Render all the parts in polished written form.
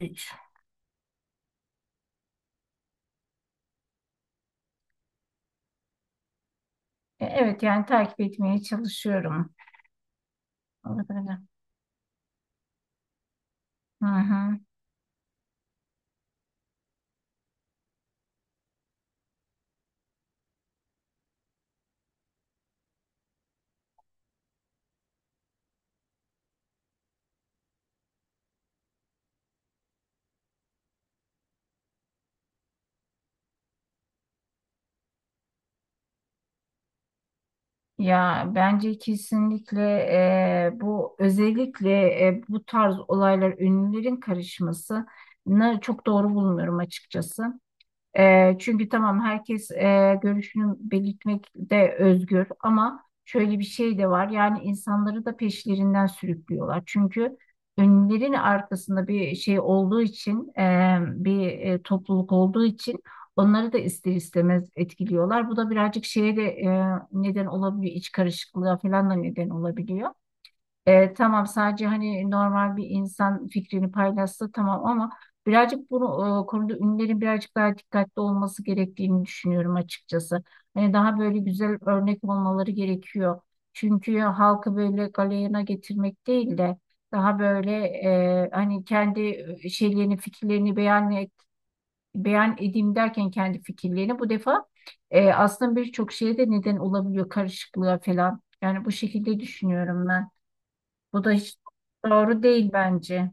Hiç. Evet yani takip etmeye çalışıyorum. Olabilir. Hı hı. Ya bence kesinlikle bu özellikle bu tarz olaylar ünlülerin karışmasını çok doğru bulmuyorum açıkçası. Çünkü tamam herkes görüşünü belirtmekte özgür ama şöyle bir şey de var. Yani insanları da peşlerinden sürüklüyorlar. Çünkü önlerin arkasında bir şey olduğu için bir topluluk olduğu için onları da ister istemez etkiliyorlar. Bu da birazcık şeye de neden olabiliyor. İç karışıklığa falan da neden olabiliyor. Tamam sadece hani normal bir insan fikrini paylaşsa tamam ama birazcık bunu konuda ünlülerin birazcık daha dikkatli olması gerektiğini düşünüyorum açıkçası. Hani daha böyle güzel örnek olmaları gerekiyor. Çünkü halkı böyle galeyana getirmek değil de daha böyle hani kendi şeylerini fikirlerini beyan edeyim derken kendi fikirlerini bu defa aslında birçok şeye de neden olabiliyor karışıklığa falan. Yani bu şekilde düşünüyorum ben. Bu da hiç doğru değil bence.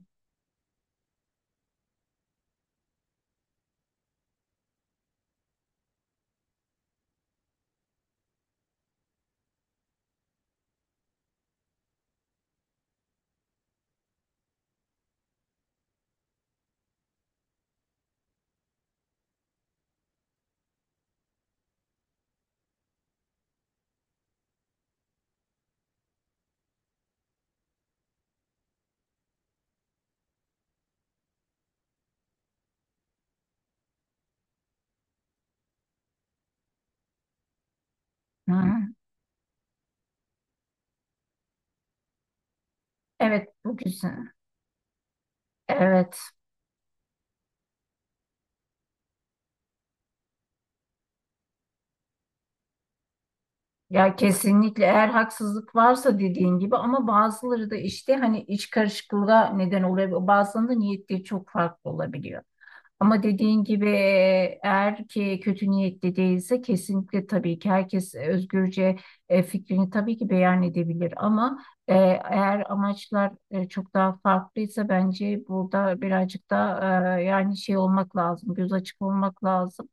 Hı. Evet, bu güzel. Evet. Ya kesinlikle eğer haksızlık varsa dediğin gibi, ama bazıları da işte hani iç karışıklığa neden oluyor. Bazılarında niyetleri çok farklı olabiliyor. Ama dediğin gibi eğer ki kötü niyetli değilse kesinlikle tabii ki herkes özgürce fikrini tabii ki beyan edebilir ama eğer amaçlar çok daha farklıysa bence burada birazcık da yani şey olmak lazım, göz açık olmak lazım.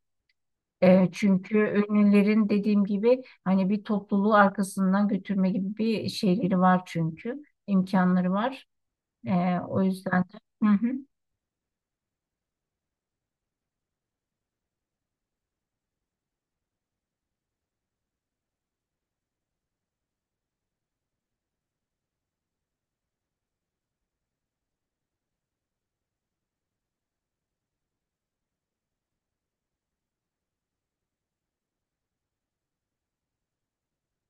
Çünkü ünlülerin dediğim gibi hani bir topluluğu arkasından götürme gibi bir şeyleri var, çünkü imkanları var. O yüzden de. Hı hı.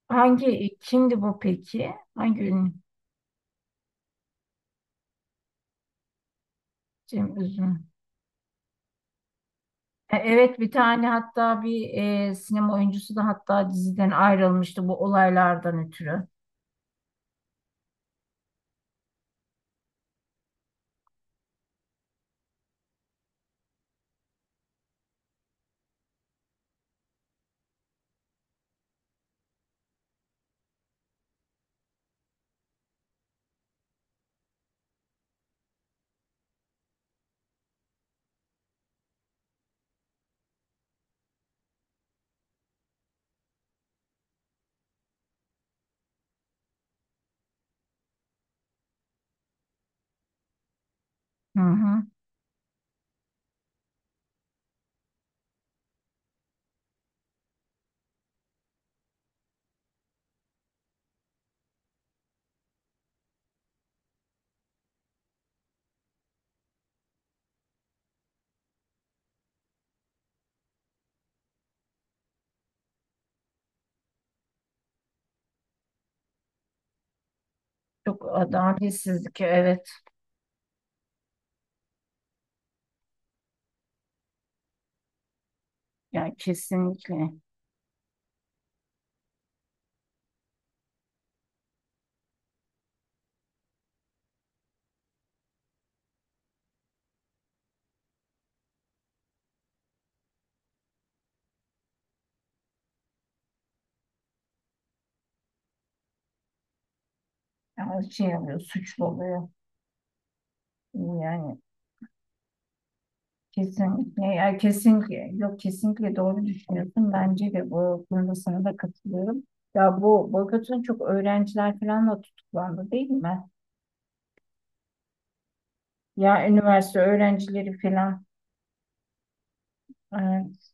Hangi kimdi bu peki? Hangi ünlü? Cem Uzun. Evet, bir tane hatta bir sinema oyuncusu da hatta diziden ayrılmıştı bu olaylardan ötürü. Hı hı. Çok adaletsizlik, evet. Yani kesinlikle. Yani şey oluyor, suçlu oluyor. Yani kesinlikle, ya kesinlikle, yok kesinlikle doğru düşünüyorsun. Bence de bu konuda sana da katılıyorum. Ya bu boykotun çok öğrenciler falan da tutuklandı değil mi? Ya üniversite öğrencileri falan. Evet.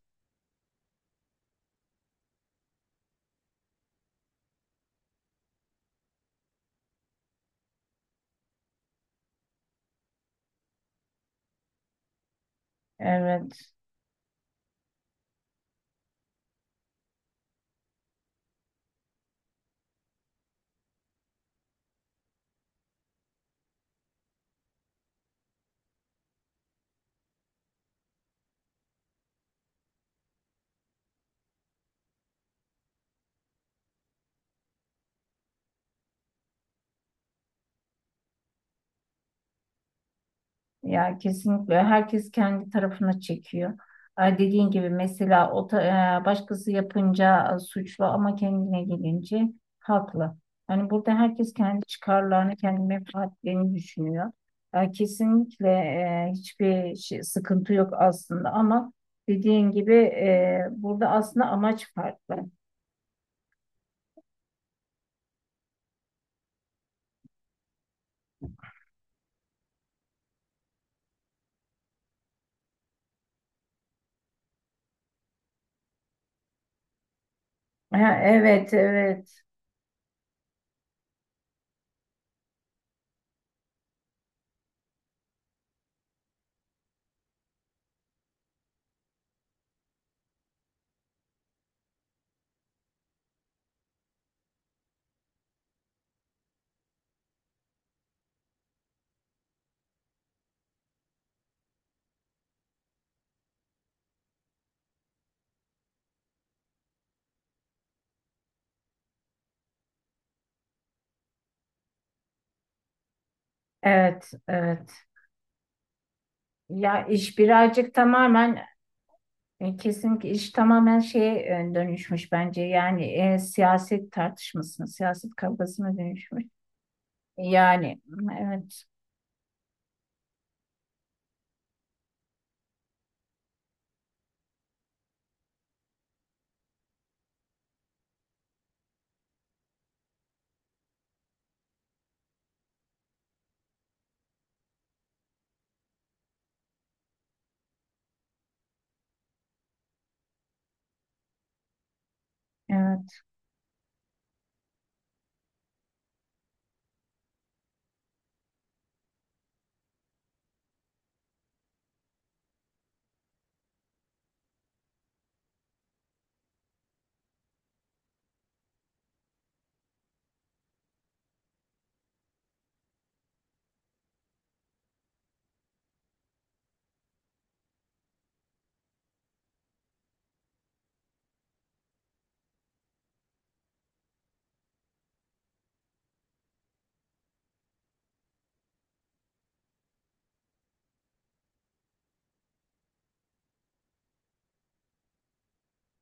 Evet. Ya kesinlikle herkes kendi tarafına çekiyor. Dediğin gibi mesela başkası yapınca suçlu ama kendine gelince haklı. Hani burada herkes kendi çıkarlarını, kendi menfaatlerini düşünüyor. Kesinlikle hiçbir şey, sıkıntı yok aslında ama dediğin gibi burada aslında amaç farklı. Ha, evet, evet, evet, evet. Ya iş birazcık tamamen kesinlikle iş tamamen şeye dönüşmüş bence. Yani siyaset tartışmasına, siyaset kavgasına dönüşmüş. Yani evet. Evet.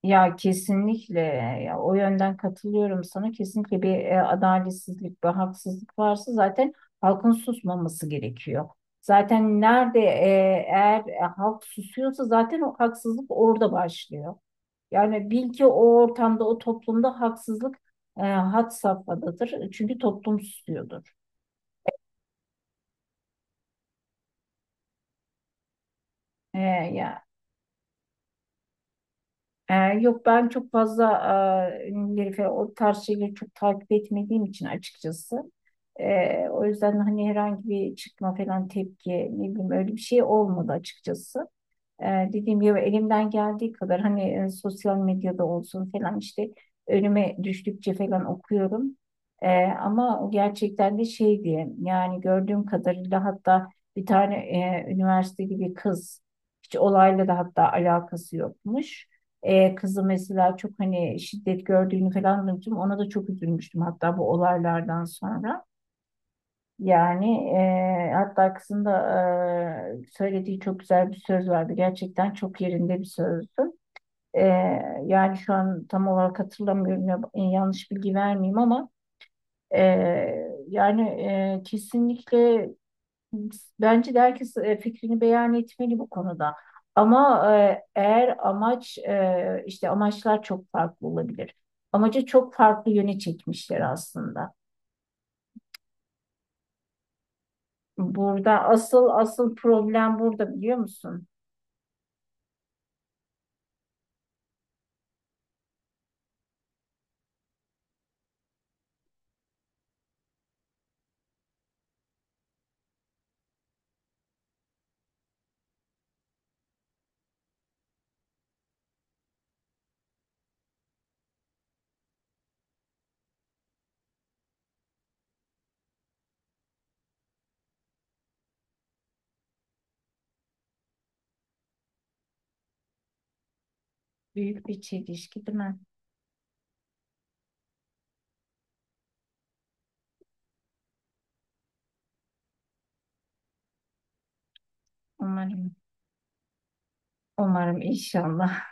Ya kesinlikle, ya o yönden katılıyorum sana. Kesinlikle bir adaletsizlik, bir haksızlık varsa zaten halkın susmaması gerekiyor. Zaten nerede eğer halk susuyorsa zaten o haksızlık orada başlıyor. Yani bil ki o ortamda, o toplumda haksızlık had safhadadır. Çünkü toplum susuyordur. E, ya Ee, Yok, ben çok fazla ünlüleri falan o tarz şeyleri çok takip etmediğim için açıkçası. O yüzden hani herhangi bir çıkma falan tepki ne bileyim öyle bir şey olmadı açıkçası. Dediğim gibi elimden geldiği kadar hani sosyal medyada olsun falan işte önüme düştükçe falan okuyorum. Ama o gerçekten de şey diye, yani gördüğüm kadarıyla hatta bir tane üniversiteli bir kız hiç olayla da hatta alakası yokmuş. Kızı mesela çok hani şiddet gördüğünü falan duymuştum. Ona da çok üzülmüştüm hatta bu olaylardan sonra. Yani Hatta kızın da söylediği çok güzel bir söz vardı. Gerçekten çok yerinde bir sözdü. Yani şu an tam olarak hatırlamıyorum. Yanlış bilgi vermeyeyim ama kesinlikle bence de herkes fikrini beyan etmeli bu konuda. Ama eğer amaç işte amaçlar çok farklı olabilir. Amacı çok farklı yöne çekmişler aslında. Burada asıl problem burada, biliyor musun? Büyük bir çelişki değil mi? Umarım, umarım inşallah.